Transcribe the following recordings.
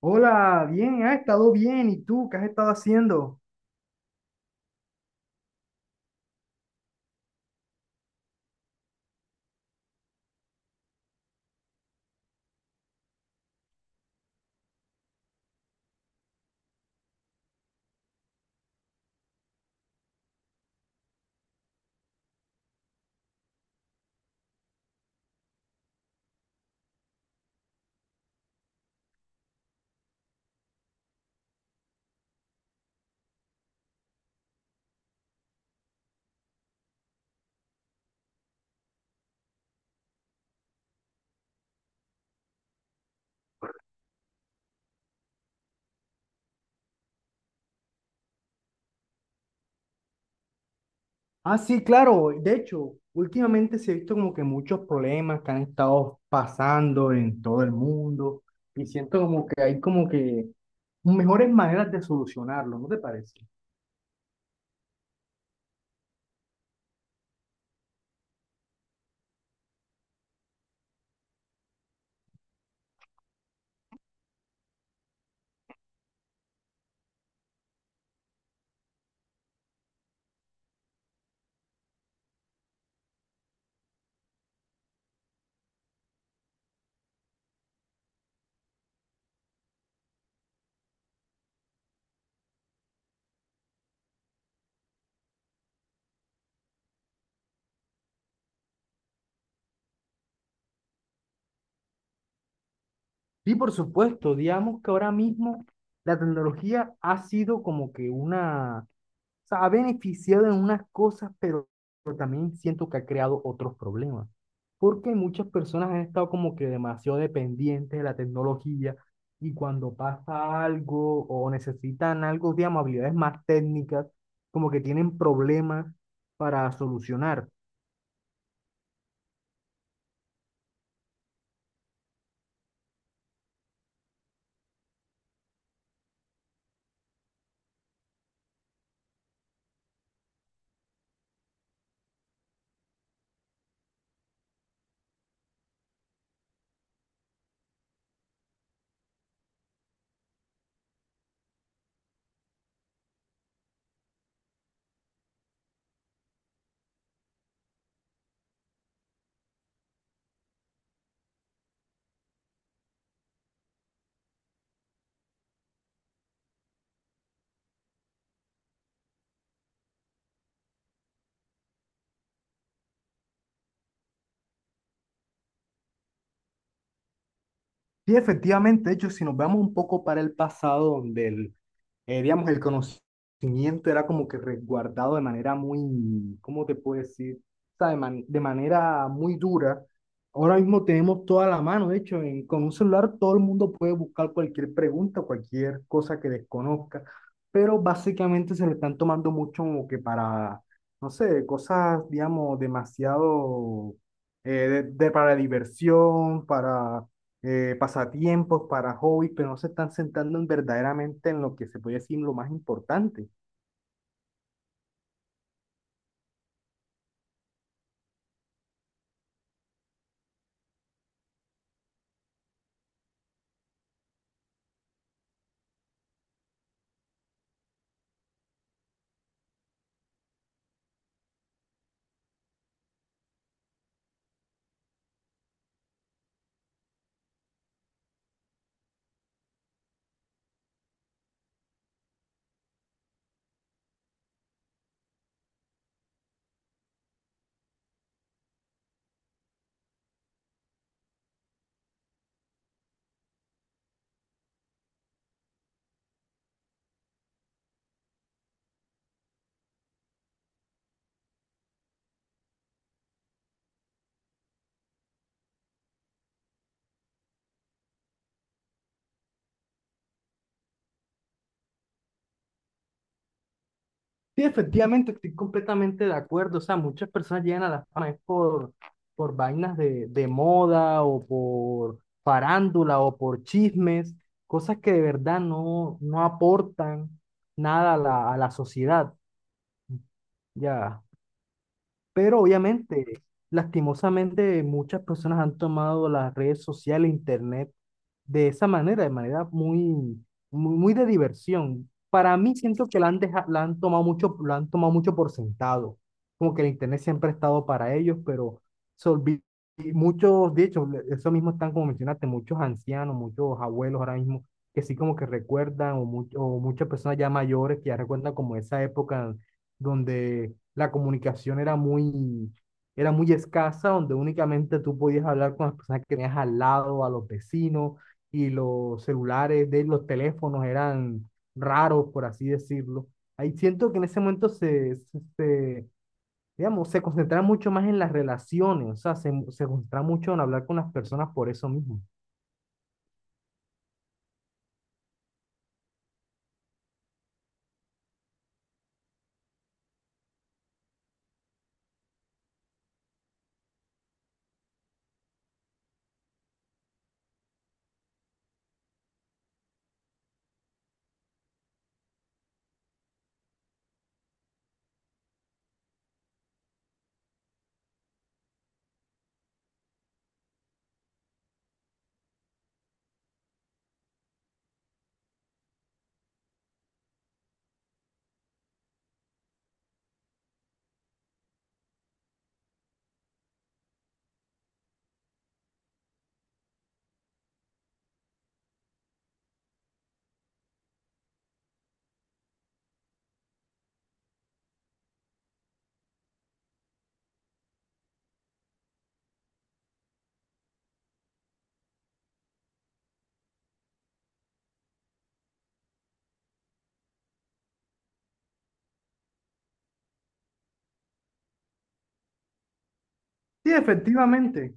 Hola, bien, ha estado bien. ¿Y tú qué has estado haciendo? Ah, sí, claro. De hecho, últimamente se ha visto como que muchos problemas que han estado pasando en todo el mundo y siento como que hay como que mejores maneras de solucionarlo, ¿no te parece? Sí, por supuesto. Digamos que ahora mismo la tecnología ha sido como que una. O sea, ha beneficiado en unas cosas, pero también siento que ha creado otros problemas. Porque muchas personas han estado como que demasiado dependientes de la tecnología y cuando pasa algo o necesitan algo, digamos, habilidades más técnicas, como que tienen problemas para solucionar. Sí, efectivamente, de hecho, si nos vamos un poco para el pasado, donde el digamos, el conocimiento era como que resguardado de manera muy, ¿cómo te puedo decir? O sea, de manera muy dura. Ahora mismo tenemos toda la mano, de hecho, en- con un celular todo el mundo puede buscar cualquier pregunta, cualquier cosa que desconozca, pero básicamente se le están tomando mucho como que para, no sé, cosas, digamos, demasiado eh, para diversión, para pasatiempos, para hobbies, pero no se están sentando en verdaderamente en lo que se puede decir lo más importante. Sí, efectivamente, estoy completamente de acuerdo. O sea, muchas personas llegan a la fama es por vainas de moda o por farándula o por chismes, cosas que de verdad no aportan nada a la sociedad, ya. Pero obviamente, lastimosamente, muchas personas han tomado las redes sociales, internet de esa manera, de manera muy de diversión. Para mí siento que la han tomado mucho, la han tomado mucho por sentado, como que el internet siempre ha estado para ellos, pero se olvi- y muchos, de hecho, eso mismo están como mencionaste, muchos ancianos, muchos abuelos ahora mismo que sí como que recuerdan, o muchas personas ya mayores que ya recuerdan como esa época donde la comunicación era era muy escasa, donde únicamente tú podías hablar con las personas que tenías al lado, a los vecinos, y los celulares de los teléfonos eran raros, por así decirlo. Ahí siento que en ese momento digamos, se concentraba mucho más en las relaciones, o sea, se concentraba mucho en hablar con las personas por eso mismo. Sí, efectivamente.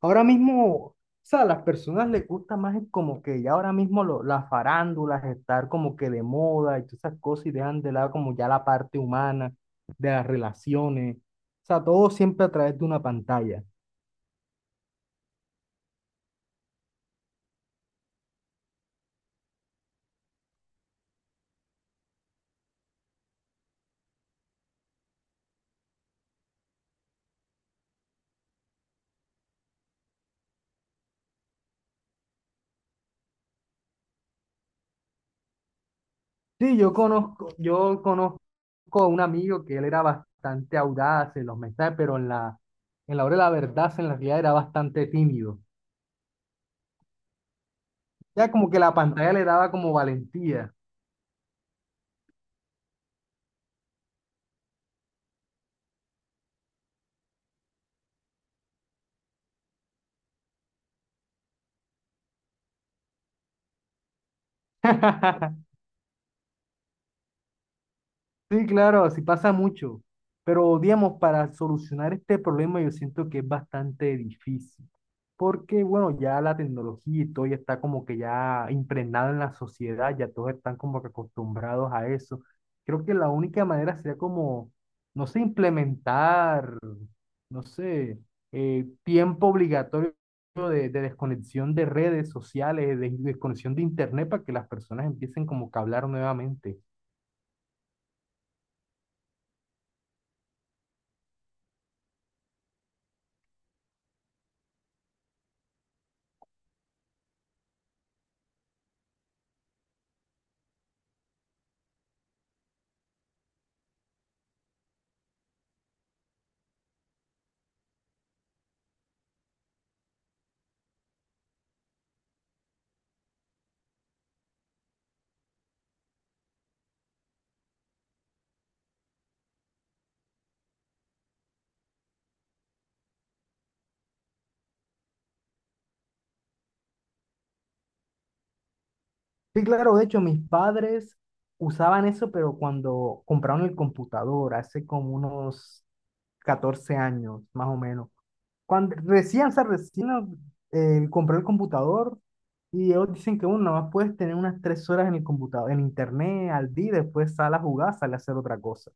Ahora mismo, o sea, a las personas les gusta más el como que ya ahora mismo las farándulas, estar como que de moda y todas esas cosas y dejan de lado como ya la parte humana de las relaciones. O sea, todo siempre a través de una pantalla. Sí, yo conozco a un amigo que él era bastante audaz en los mensajes, pero en la hora de la verdad, en la realidad era bastante tímido. Ya como que la pantalla le daba como valentía. Sí, claro, así pasa mucho. Pero, digamos, para solucionar este problema yo siento que es bastante difícil. Porque, bueno, ya la tecnología y todo ya está como que ya impregnada en la sociedad, ya todos están como que acostumbrados a eso. Creo que la única manera sería como, no sé, implementar, no sé, tiempo obligatorio de desconexión de redes sociales, de desconexión de internet para que las personas empiecen como que a hablar nuevamente. Sí, claro, de hecho, mis padres usaban eso, pero cuando compraron el computador, hace como unos 14 años, más o menos. Cuando recién, o sea, recién compré el computador y ellos dicen que uno más puedes tener unas 3 horas en el computador, en internet, al día, y después sale a jugar, sale a hacer otra cosa.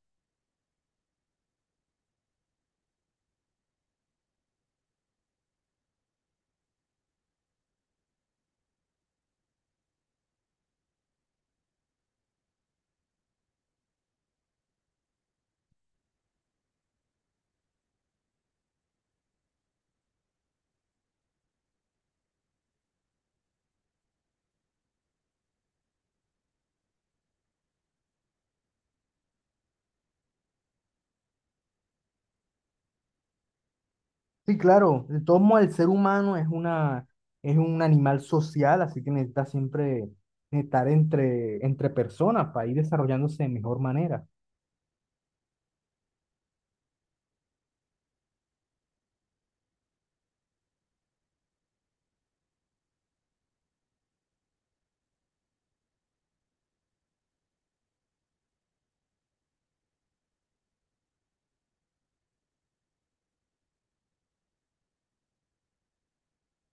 Sí, claro, de todos modos el ser humano es una, es un animal social, así que necesita siempre estar entre personas para ir desarrollándose de mejor manera.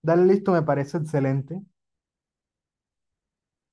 Dale listo, me parece excelente.